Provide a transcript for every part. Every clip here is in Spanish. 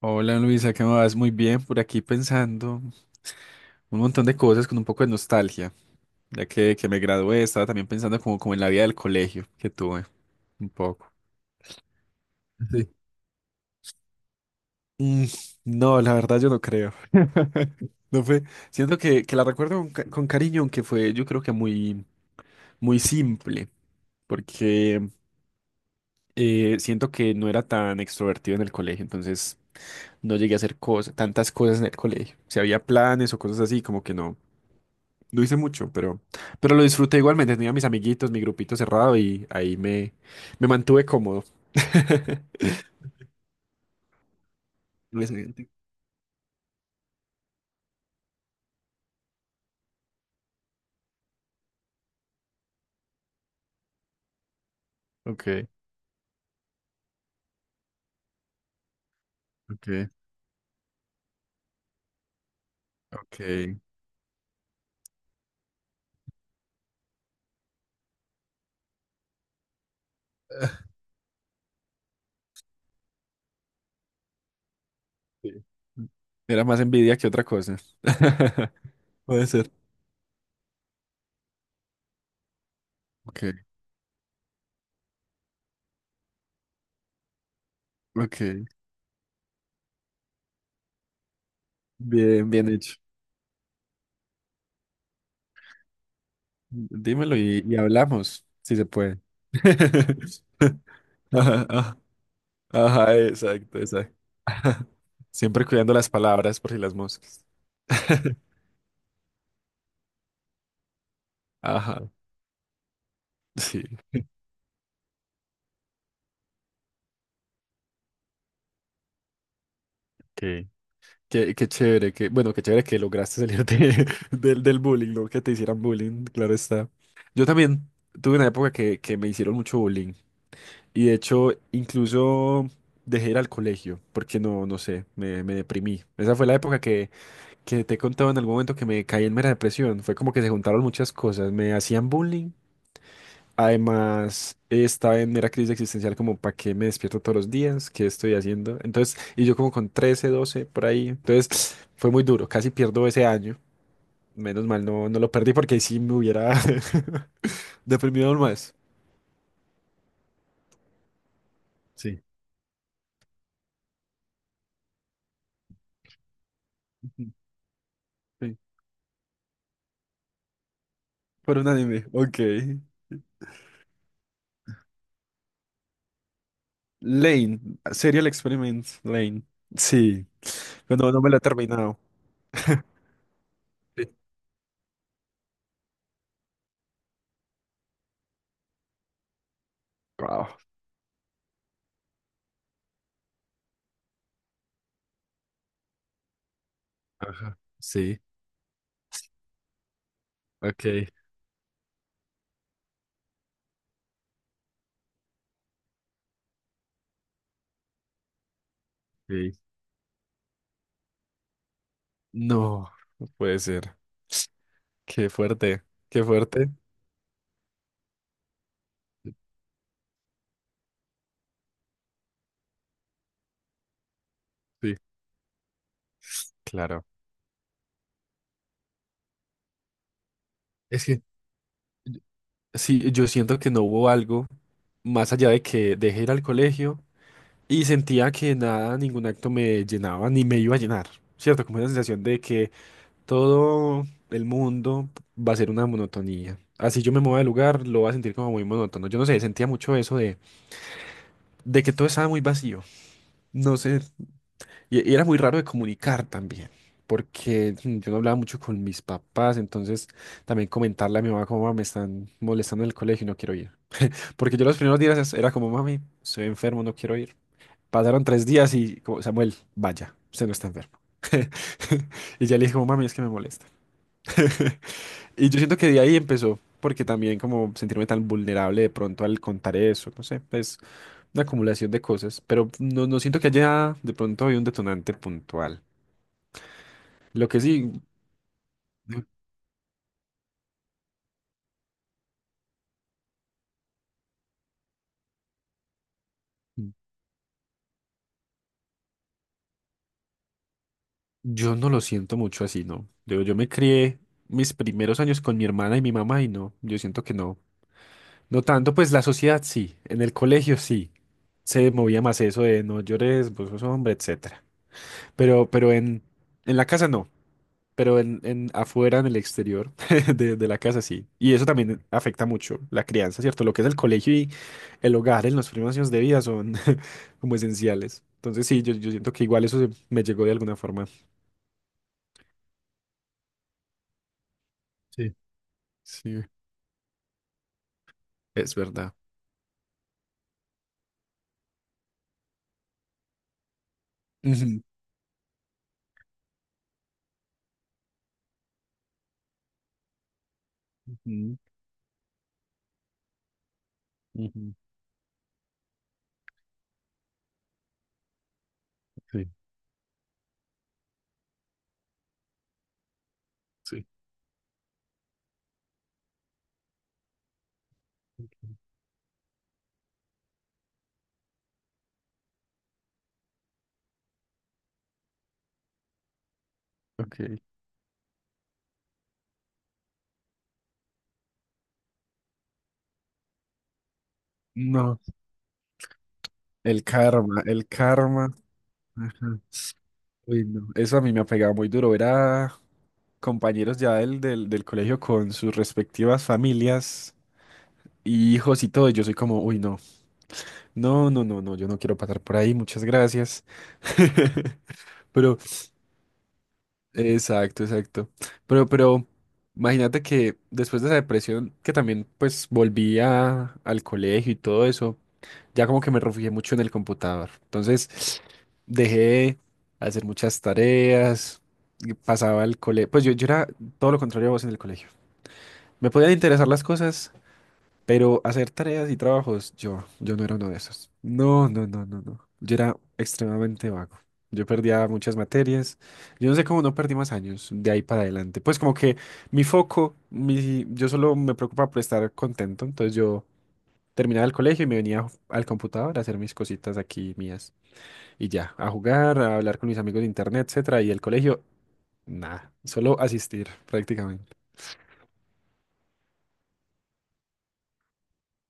Hola Luisa, ¿qué más? Muy bien, por aquí pensando un montón de cosas con un poco de nostalgia, ya que me gradué. Estaba también pensando como en la vida del colegio que tuve, un poco. Sí. Mm, no, la verdad yo no creo. No fue, siento que la recuerdo con cariño, aunque fue yo creo que muy, muy simple, porque siento que no era tan extrovertido en el colegio, entonces no llegué a hacer cosas, tantas cosas en el colegio. Si había planes o cosas así, como que no. No hice mucho, pero lo disfruté igualmente. Tenía mis amiguitos, mi grupito cerrado y ahí me mantuve cómodo. No es gente. Ok, ok, ok. Sí. Era más envidia que otra cosa. Puede ser. Ok, ok. Bien, bien hecho. Dímelo y hablamos, si se puede. Ajá, ajá, ajá, exacto, exacto. Siempre cuidando las palabras por si las moscas. Ajá, sí. Qué, qué chévere, que bueno, qué chévere que lograste salir del bullying, ¿no? Que te hicieran bullying, claro está. Yo también tuve una época que me hicieron mucho bullying, y de hecho incluso dejé ir al colegio porque no, no sé, me deprimí. Esa fue la época que te he contado en algún momento, que me caí en mera depresión. Fue como que se juntaron muchas cosas, me hacían bullying. Además, estaba en mera crisis existencial como, ¿para qué me despierto todos los días? ¿Qué estoy haciendo? Entonces, y yo como con 13 12 por ahí. Entonces, fue muy duro. Casi pierdo ese año. Menos mal no, no lo perdí, porque ahí sí me hubiera deprimido aún más. Sí. Ujú, sí. Por un anime. Ok. Lane. Serial Experiment. Lane. Sí. Pero no, no me lo he terminado. Sí. Wow. Ajá. Sí. Ok. Sí. No, no puede ser. Qué fuerte, qué fuerte. Sí, claro. Es que yo- sí, yo siento que no hubo algo más allá de que dejé ir al colegio, y sentía que nada, ningún acto me llenaba ni me iba a llenar, ¿cierto? Como una sensación de que todo el mundo va a ser una monotonía. Así yo me mueva de lugar, lo voy a sentir como muy monótono. Yo no sé, sentía mucho eso de que todo estaba muy vacío. No sé. Y era muy raro de comunicar también, porque yo no hablaba mucho con mis papás, entonces también comentarle a mi mamá como "Mamá, me están molestando en el colegio y no quiero ir". Porque yo los primeros días era como, "Mami, estoy enfermo, no quiero ir". Pasaron 3 días y como, "Samuel, vaya, usted no está enfermo". Y ya le dije como, "Mami, es que me molesta". Y yo siento que de ahí empezó, porque también como sentirme tan vulnerable de pronto al contar eso, no sé, es una acumulación de cosas, pero no, no siento que haya de pronto, hay un detonante puntual. Lo que sí. Yo no lo siento mucho así, ¿no? Digo, yo me crié mis primeros años con mi hermana y mi mamá y no, yo siento que no. No tanto, pues la sociedad sí, en el colegio sí, se movía más eso de no llores, vos sos hombre, etcétera. Pero en la casa no, pero en afuera, en el exterior de la casa sí. Y eso también afecta mucho la crianza, ¿cierto? Lo que es el colegio y el hogar en los primeros años de vida son como esenciales. Entonces sí, yo siento que igual eso se- me llegó de alguna forma. Sí. Sí. Es verdad. Ujú, ujú, ujú. Sí, sí. Ok. No, el karma, el karma. Ajá. Uy, no. Eso a mí me ha pegado muy duro. Ver a compañeros ya del colegio con sus respectivas familias y hijos y todo. Y yo soy como, uy, no, no, no, no, no, yo no quiero pasar por ahí, muchas gracias. Pero, exacto, exacto. Pero, imagínate que después de esa depresión, que también pues volví al colegio y todo eso. Ya como que me refugié mucho en el computador. Entonces dejé de hacer muchas tareas, y pasaba al colegio. Pues yo era todo lo contrario a vos en el colegio. Me podían interesar las cosas, pero hacer tareas y trabajos, yo no era uno de esos. No, no, no, no, no. Yo era extremadamente vago. Yo perdía muchas materias. Yo no sé cómo no perdí más años de ahí para adelante. Pues como que mi foco, yo solo me preocupaba por estar contento. Entonces yo... Terminaba el colegio y me venía al computador a hacer mis cositas aquí mías. Y ya, a jugar, a hablar con mis amigos de internet, etcétera. Y el colegio, nada, solo asistir prácticamente.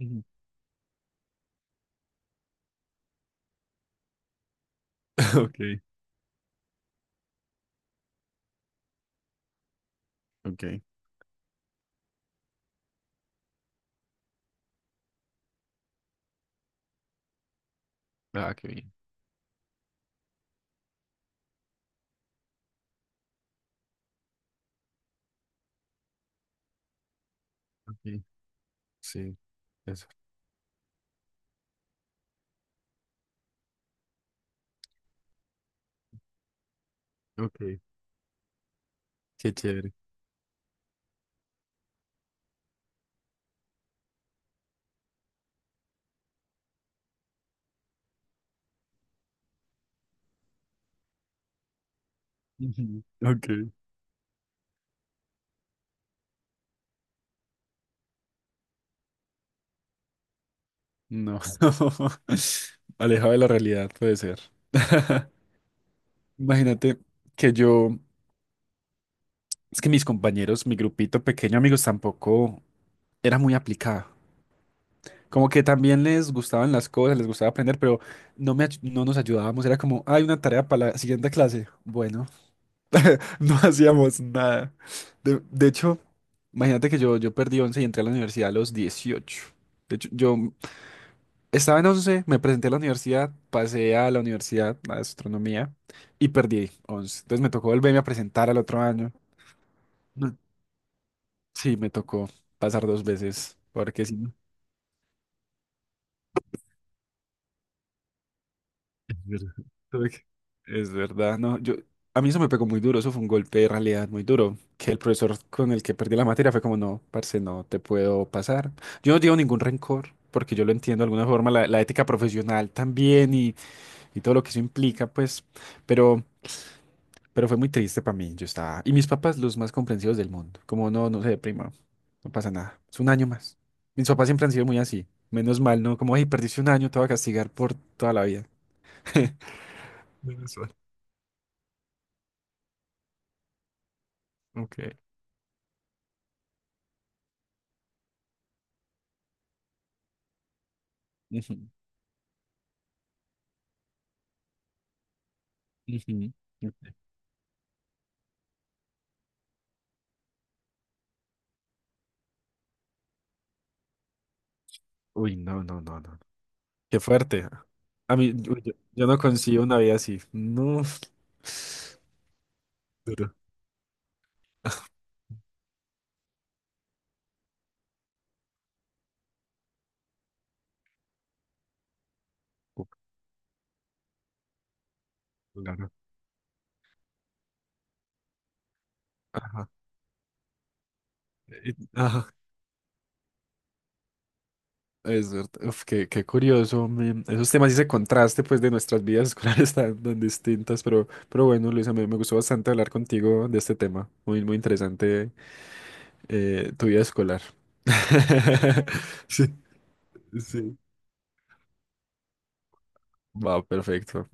Ujú. Ok, ok. Ah, qué bien. Ok, sí, eso. Ok, qué chévere. Ujú. Ok, no. Alejado de la realidad, puede ser. Imagínate que es que mis compañeros, mi grupito pequeño, amigos, tampoco era muy aplicado. Como que también les gustaban las cosas, les gustaba aprender, pero no, no nos ayudábamos. Era como, hay una tarea para la siguiente clase. Bueno, no hacíamos nada. De hecho, imagínate que yo perdí 11 y entré a la universidad a los 18. De hecho, yo estaba en 11, me presenté a la universidad, pasé a la universidad, a astronomía, y perdí 11. Entonces me tocó volverme a presentar al otro año. No, sí, me tocó pasar 2 veces, porque sí. Es verdad, es verdad, no, a mí eso me pegó muy duro, eso fue un golpe de realidad muy duro, que el profesor con el que perdí la materia fue como, no, parce, no te puedo pasar. Yo no llevo ningún rencor, porque yo lo entiendo de alguna forma, la ética profesional también y todo lo que eso implica, pues, pero, pero fue muy triste para mí. Yo estaba, y mis papás los más comprensivos del mundo, como, no, no se deprima, no pasa nada, es un año más. Mis papás siempre han sido muy así, menos mal, ¿no? Como, hey, perdiste un año, te voy a castigar por toda la vida. Menos mal. Ok. Ujú, ujú, ujú. Uy, no, no, no, no. Qué fuerte. A mí, uy, yo no consigo una vida así. No. Duro. Uf, claro. Ajá. Ajá. Es cierto. Uf, qué curioso, men. Esos temas y ese contraste, pues, de nuestras vidas escolares tan, tan distintas. Pero bueno, Luisa, me gustó bastante hablar contigo de este tema. Muy, muy interesante tu vida escolar. Sí, sí. Va, perfecto.